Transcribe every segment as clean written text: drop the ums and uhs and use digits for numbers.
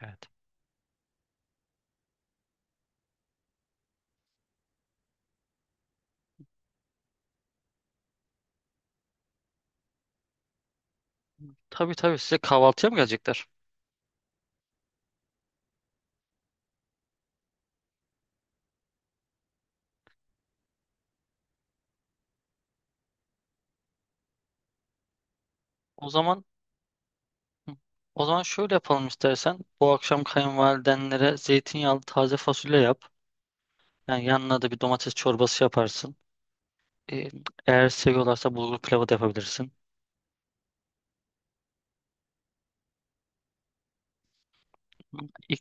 Evet. Tabii, size kahvaltıya mı gelecekler? O zaman o zaman şöyle yapalım istersen. Bu akşam kayınvalidenlere zeytinyağlı taze fasulye yap. Yani yanına da bir domates çorbası yaparsın. Ee, Eğer seviyorlarsa bulgur pilavı da yapabilirsin. İlk,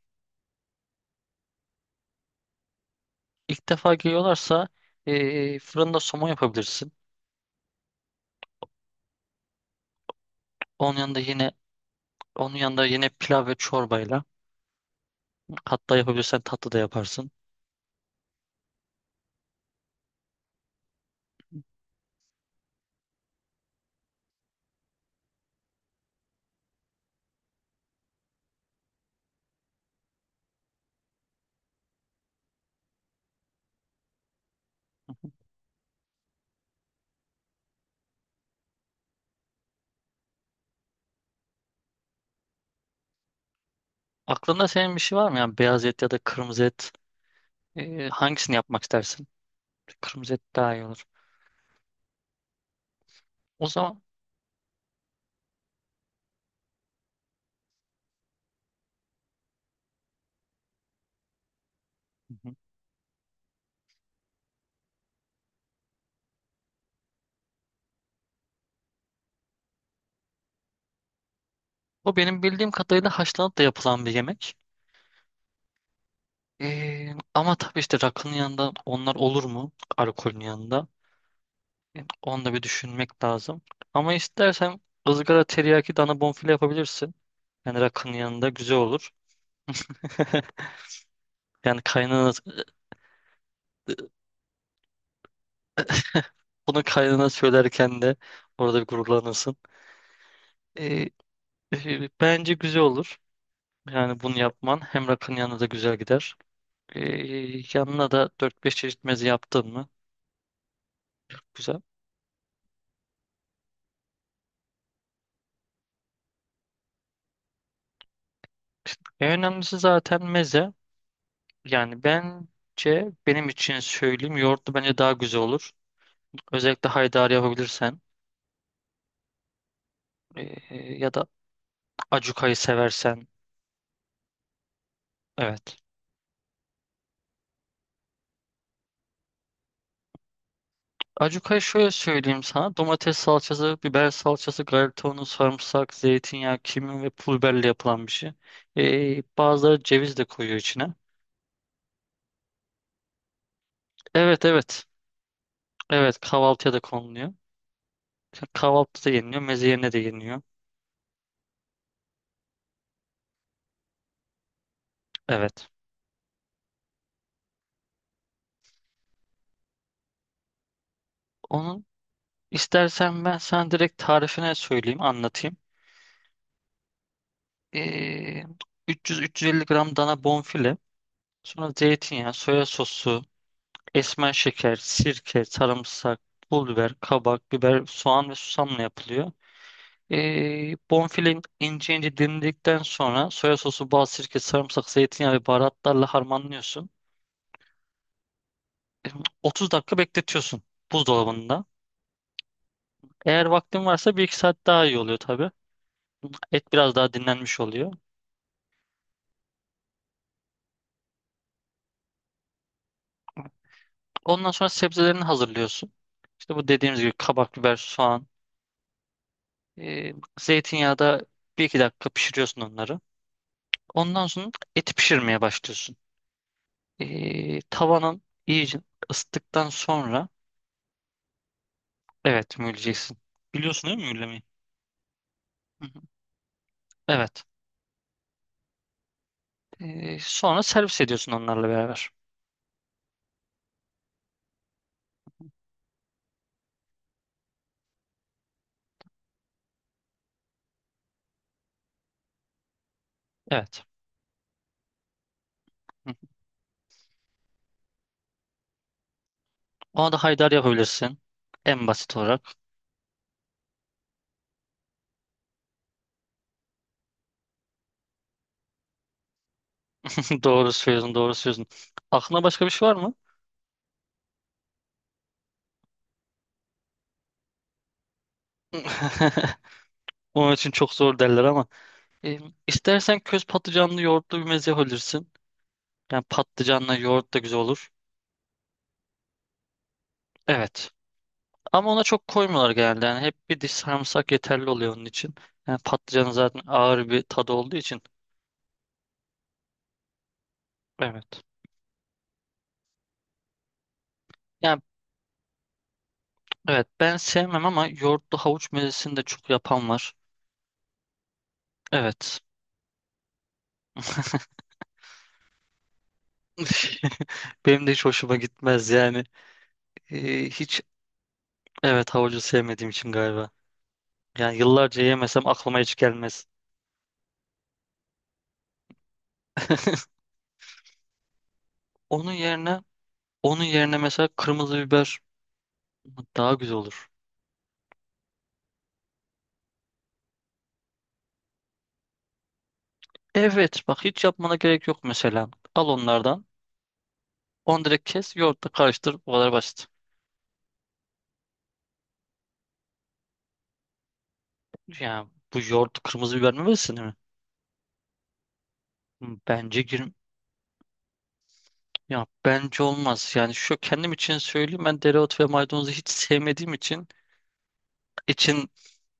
ilk defa geliyorlarsa fırında somon yapabilirsin. Onun yanında yine onun yanında yine pilav ve çorbayla hatta yapabilirsen tatlı da yaparsın. Aklında senin bir şey var mı? Yani beyaz et ya da kırmızı et hangisini yapmak istersin? Kırmızı et daha iyi olur. O zaman hı hı, bu benim bildiğim kadarıyla haşlanıp da yapılan bir yemek. Ama tabii işte rakının yanında onlar olur mu? Alkolün yanında. Yani onu da bir düşünmek lazım. Ama istersen ızgara teriyaki dana bonfile yapabilirsin. Yani rakının yanında güzel olur. Yani kaynana, bunu kaynana söylerken de orada bir gururlanırsın. Ee, Bence güzel olur. Yani bunu yapman hem rakının yanında da güzel gider. Ee, Yanına da dört beş çeşit meze yaptın mı? Güzel. En önemlisi zaten meze. Yani bence benim için söyleyeyim yoğurtlu bence daha güzel olur. Özellikle haydari yapabilirsen e, ya da acukayı seversen. Evet. Acukayı şöyle söyleyeyim sana. Domates salçası, biber salçası, galeta unu, sarımsak, zeytinyağı, kimyon ve pul biberle yapılan bir şey. Bazıları ceviz de koyuyor içine. Evet, evet. Evet, kahvaltıya da konuluyor. Kahvaltıda yeniliyor. Meze yerine de yeniliyor. Evet. onun İstersen ben sana direkt tarifine söyleyeyim, anlatayım. Ee, 300-350 gram dana bonfile, sonra zeytinyağı, soya sosu, esmer şeker, sirke, sarımsak, pul biber, kabak, biber, soğan ve susamla yapılıyor. Bonfile ince ince dilimledikten sonra soya sosu, bal, sirke, sarımsak, zeytinyağı ve baharatlarla harmanlıyorsun. Ee, 30 dakika bekletiyorsun buzdolabında. Eğer vaktin varsa bir iki saat daha iyi oluyor tabii. Et biraz daha dinlenmiş oluyor. Ondan sonra sebzelerini hazırlıyorsun. İşte bu dediğimiz gibi kabak, biber, soğan, e, zeytinyağda bir iki dakika pişiriyorsun onları. Ondan sonra eti pişirmeye başlıyorsun. Tavanın iyice ısıttıktan sonra evet mühürleyeceksin. Biliyorsun değil mi mühürlemeyi? Hı hı. Evet. Sonra servis ediyorsun onlarla beraber. Evet. Hı hı. Ona da haydar yapabilirsin. En basit olarak. Doğru söylüyorsun. Aklına başka bir şey var mı? Onun için çok zor derler ama. E, istersen köz patlıcanlı yoğurtlu bir meze olursun. Yani patlıcanla yoğurt da güzel olur. Evet. Ama ona çok koymuyorlar genelde. Yani hep bir diş sarımsak yeterli oluyor onun için. Yani patlıcanın zaten ağır bir tadı olduğu için. Evet. Yani evet, ben sevmem ama yoğurtlu havuç mezesini de çok yapan var. Evet. Benim de hiç hoşuma gitmez yani. Hiç Evet, havucu sevmediğim için galiba. Yani yıllarca yemesem aklıma hiç gelmez. Onun yerine onun yerine mesela kırmızı biber daha güzel olur. Evet, bak hiç yapmana gerek yok mesela. Al onlardan. Onu direkt kes, yoğurtla karıştır. Bu kadar basit. Ya bu yoğurt kırmızı biber mi versin mi? Hmm, bence gir. Ya bence olmaz. Yani şu kendim için söyleyeyim, ben dereotu ve maydanozu hiç sevmediğim için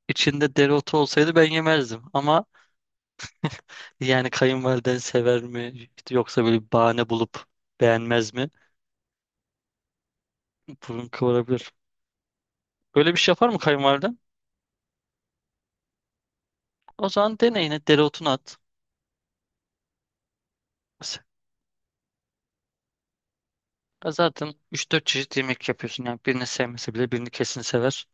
içinde dereotu olsaydı ben yemezdim. Ama yani kayınvaliden sever mi? İşte yoksa böyle bir bahane bulup beğenmez mi? Burun kıvırabilir. Böyle bir şey yapar mı kayınvaliden? O zaman deneyine dereotunu at. Ya zaten 3-4 çeşit yemek yapıyorsun. Yani birini sevmese bile birini kesin sever.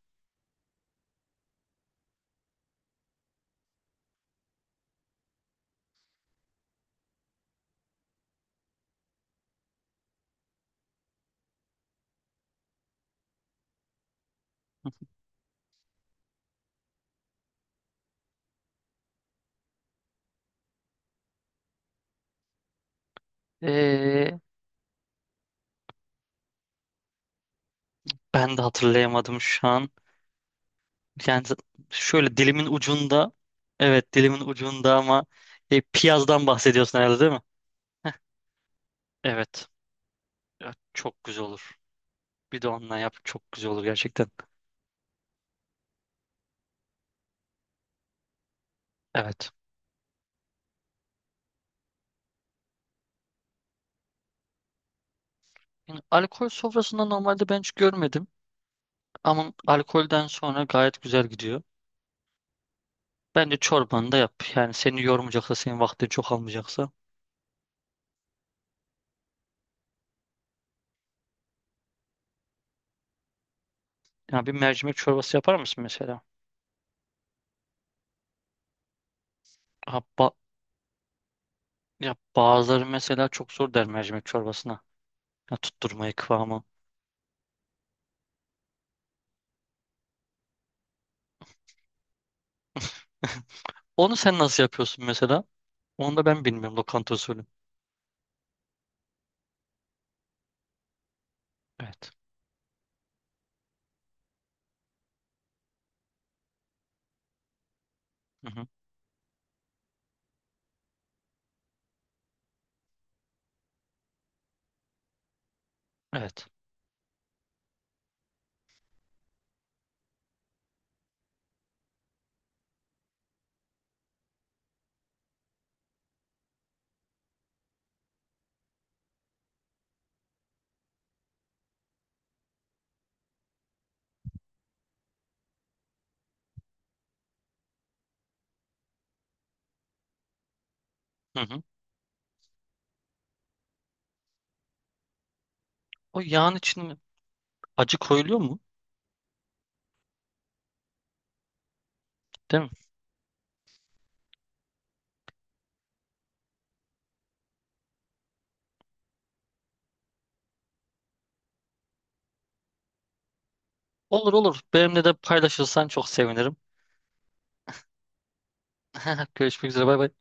Ee, Ben de hatırlayamadım şu an. Yani z- Şöyle dilimin ucunda. Evet, dilimin ucunda ama piyazdan bahsediyorsun herhalde değil mi? Evet. Ya, çok güzel olur. Bir de onunla yap, çok güzel olur gerçekten. Evet. Yani alkol sofrasında normalde ben hiç görmedim. Ama alkolden sonra gayet güzel gidiyor. Bence çorbanı da yap. Yani seni yormayacaksa, senin vaktini çok almayacaksa. Yani bir mercimek çorbası yapar mısın mesela? Ha, ba- Ya bazıları mesela çok zor der mercimek çorbasına. Ya tutturmayı, kıvamı. Onu sen nasıl yapıyorsun mesela? Onu da ben bilmiyorum lokanta usulü. Evet. Hı hı. Evet. Hı hı. O yağın içine acı koyuluyor mu? Değil mi? Olur, olur. Benimle de paylaşırsan çok sevinirim. Görüşmek üzere. Bay bay.